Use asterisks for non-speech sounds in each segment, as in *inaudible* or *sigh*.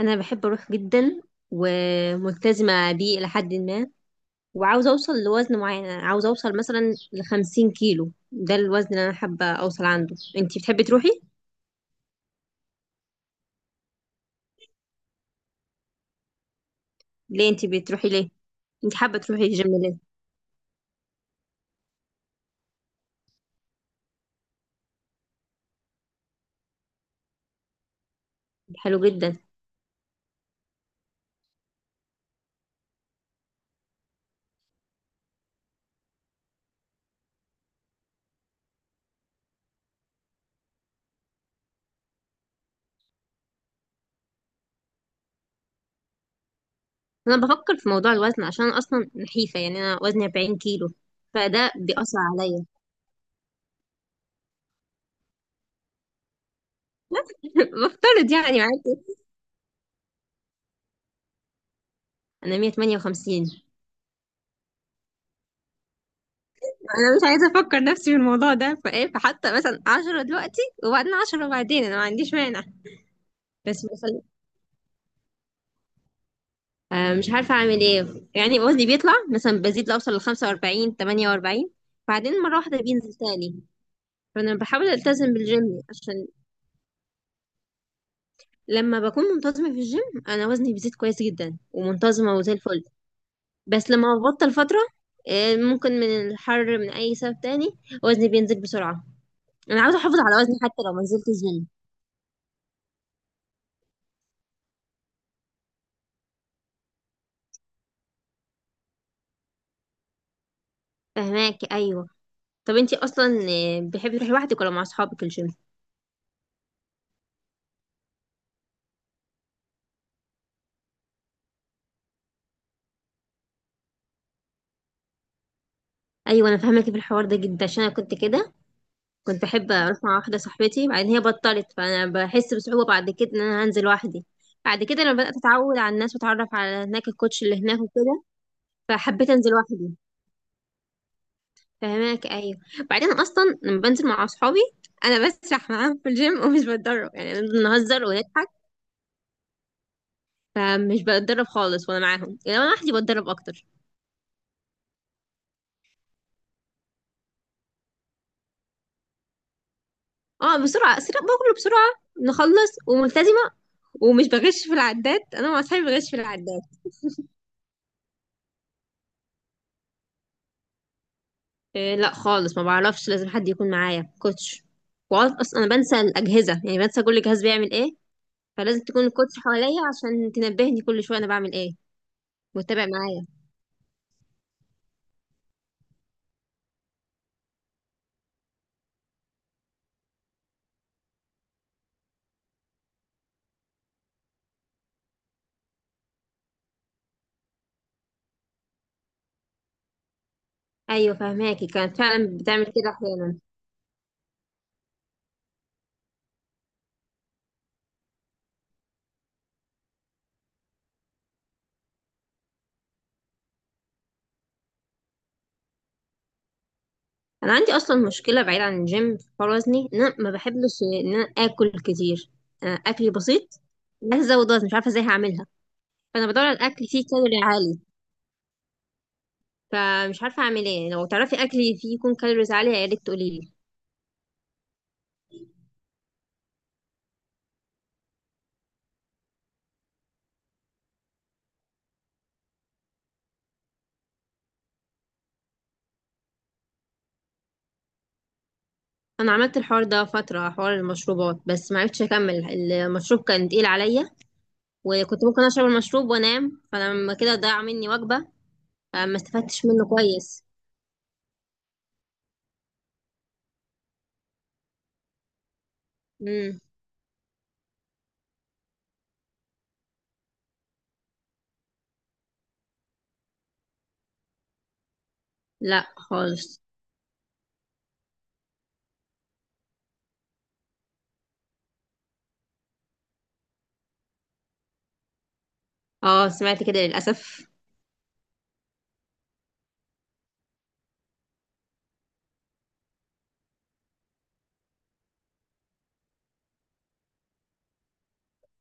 انا بحب اروح جدا وملتزمه بيه الى حد ما وعاوزه اوصل لوزن معين. أنا عاوزه اوصل مثلا لـ50 كيلو ده الوزن اللي انا حابه اوصل عنده. انتي بتحبي تروحي ليه؟ انتي بتروحي ليه؟ انتي حابه تروحي الجيم ليه؟ حلو جدا. انا بفكر في موضوع الوزن عشان انا اصلا نحيفه يعني انا وزني 40 كيلو فده بيأثر عليا. *laughs* بفترض يعني معاكي. انا 158. انا مش عايزه افكر نفسي في الموضوع ده فايه، فحتى مثلا 10 دلوقتي وبعدين 10 وبعدين انا ما عنديش مانع. بس مش عارفة أعمل إيه. يعني وزني بيطلع مثلا، بزيد لأوصل لـ45 48 بعدين مرة واحدة بينزل تاني. فأنا بحاول ألتزم بالجيم عشان لما بكون منتظمة في الجيم أنا وزني بيزيد كويس جدا ومنتظمة وزي الفل. بس لما ببطل فترة ممكن من الحر من أي سبب تاني وزني بينزل بسرعة. أنا عاوزة أحافظ على وزني حتى لو ما نزلت الجيم. فهماكي أيوه. طب انتي اصلا بتحبي تروحي لوحدك ولا مع اصحابك الجيم؟ ايوه انا فاهمك في الحوار ده جدا عشان انا كنت كده. كنت بحب اروح مع واحده صاحبتي، بعدين هي بطلت فانا بحس بصعوبه بعد كده ان انا هنزل لوحدي. بعد كده لما بدات اتعود على الناس واتعرف على هناك الكوتش اللي هناك وكده فحبيت انزل لوحدي. فهماك ايوه. بعدين اصلا لما بنزل مع اصحابي انا بسرح معاهم في الجيم ومش بتدرب، يعني بنهزر ونضحك. فمش بتدرب خالص وانا معاهم، يعني انا لوحدي بتدرب اكتر. اه بسرعه، اسرع باكله بسرعه، نخلص وملتزمه ومش بغش في العداد، انا مع اصحابي بغش في العداد. إيه لا خالص، ما بعرفش، لازم حد يكون معايا كوتش. اصلا انا بنسى الاجهزه، يعني بنسى كل جهاز بيعمل ايه. فلازم تكون الكوتش حواليا عشان تنبهني كل شويه انا بعمل ايه وتتابع معايا. ايوه فهماكي، كانت فعلا بتعمل كده احيانا. انا عندي اصلا مشكله بعيد عن الجيم في حوار وزني، ان انا ما بحبش ان انا اكل كتير. أنا اكلي بسيط. بس ازود وزن مش عارفه ازاي هعملها. فانا بدور على الاكل فيه كالوري عالي. فمش عارفه اعمل ايه، لو تعرفي اكل فيه يكون كالوريز عاليه يا ريت تقولي لي. انا عملت الحوار ده فتره، حوار المشروبات، بس ما عرفتش اكمل. المشروب كان تقيل عليا وكنت ممكن اشرب المشروب وانام فلما كده ضاع مني وجبه. فما استفدتش منه كويس. امم. لا خالص. اه سمعت كده للاسف.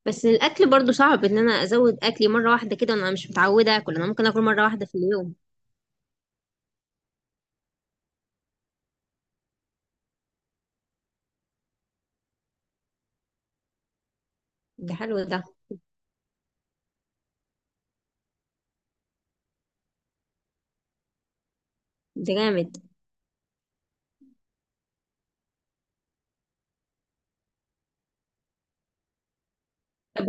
بس الاكل برضو صعب، ان انا ازود اكلي مره واحده كده انا مش متعوده اكل، انا ممكن اكل مره واحده في اليوم. ده حلو ده، ده جامد. طب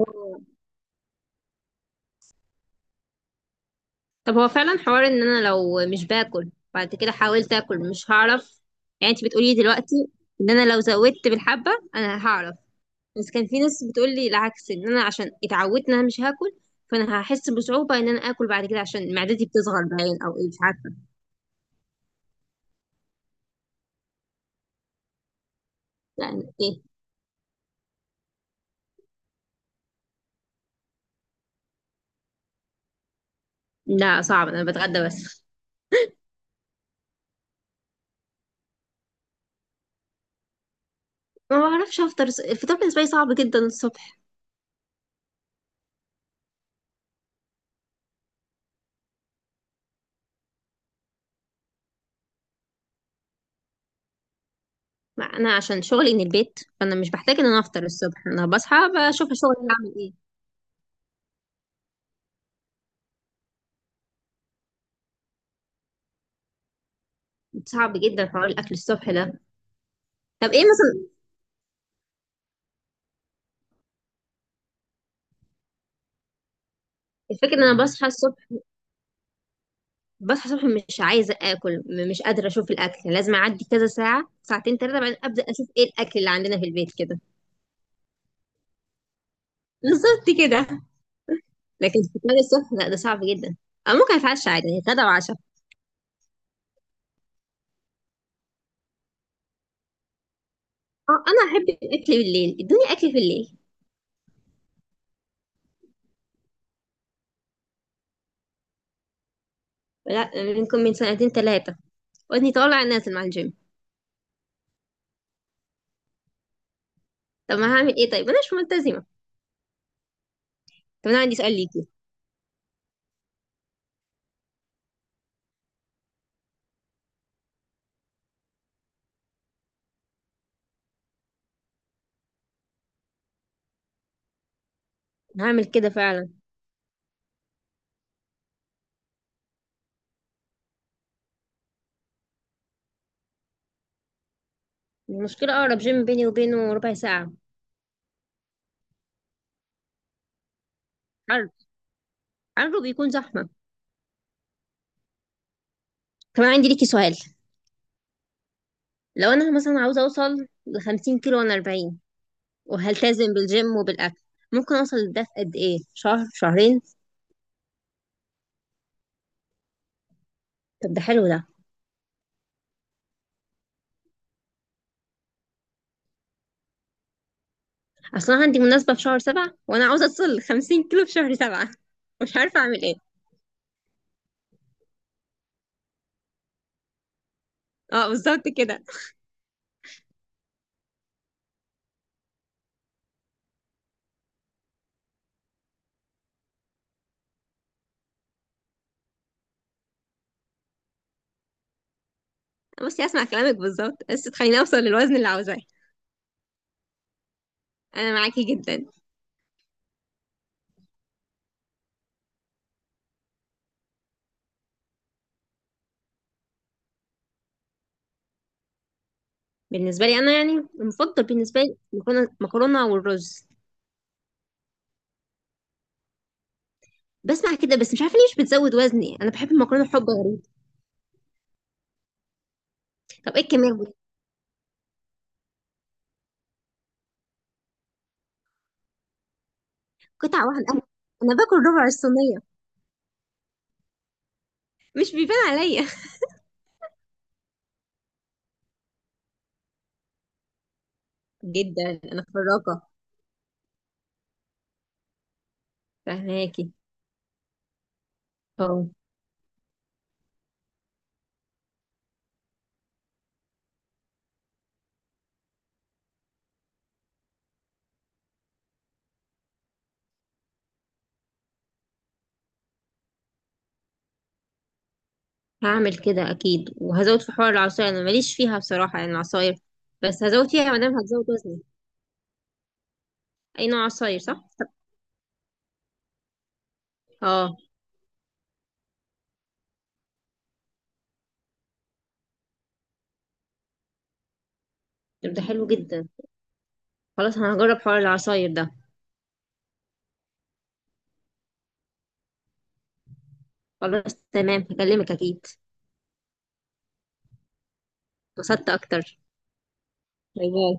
طب هو فعلا حوار ان انا لو مش باكل بعد كده حاولت اكل مش هعرف؟ يعني انت بتقولي دلوقتي ان انا لو زودت بالحبة انا هعرف. بس كان في ناس بتقول لي العكس، ان انا عشان اتعودت ان انا مش هاكل فانا هحس بصعوبة ان انا اكل بعد كده عشان معدتي بتصغر باين او ايه مش عارفة. يعني ايه؟ لا صعب، انا بتغدى بس. ما بعرفش افطر، الفطار بالنسبه لي صعب جدا الصبح. ما انا عشان شغلي من البيت فانا مش بحتاج ان انا افطر الصبح، انا بصحى بشوف شغلي هعمل ايه. صعب جدا حوار الاكل الصبح ده. طب ايه مثلا؟ الفكرة ان انا بصحى الصبح. بصحى الصبح مش عايزة اكل، مش قادرة اشوف الاكل، لازم اعدي كذا ساعة، ساعتين 3 بعدين ابدأ اشوف ايه الاكل اللي عندنا في البيت كده. بالظبط كده. لكن فطار الصبح لا، ده صعب جدا. او ممكن اتعشى عادي، يعني غدا وعشاء. اه انا احب الاكل بالليل، ادوني اكل في الليل. لا منكم، من سنتين 3 ودني طالع نازل مع الجيم. طب ما هعمل ايه طيب، انا مش ملتزمة. طب انا عندي سؤال ليكي. هعمل كده فعلا. المشكلة اقرب جيم بيني وبينه ربع ساعة. عرض عرضه بيكون زحمة. كمان عندي ليكي سؤال. لو انا مثلا عاوزه اوصل لـ50 كيلو وانا اربعين وهلتزم بالجيم وبالاكل ممكن اوصل لده في قد ايه، شهر، شهرين؟ طب ده حلو ده. اصلا عندي مناسبه في شهر سبعة وانا عاوزه اوصل لخمسين كيلو في شهر سبعة. *laughs* مش عارفه اعمل ايه. اه بالظبط كده. بصي اسمع كلامك بالظبط بس تخليني اوصل للوزن اللي عاوزاه. انا معاكي جدا. بالنسبه لي انا يعني المفضل بالنسبه لي مكرونه، مكرونه والرز. بسمع كده بس مش عارفه ليه مش بتزود وزني، انا بحب المكرونه حب غريب. طب ايه الكميه دي؟ قطعه واحده؟ أنا باكل ربع الصينيه. مش بيبان عليا. *laughs* جدا انا فراقة. فهماكي اه. هعمل كده اكيد وهزود في حوار العصاير، انا ماليش فيها بصراحة يعني العصاير. بس هزود فيها ما دام هتزود وزني. اي نوع عصاير، صح؟ اه. طب ده حلو جدا. خلاص انا هجرب حوار العصاير ده. خلاص تمام هكلمك اكيد. اتبسطت اكتر. باي باي.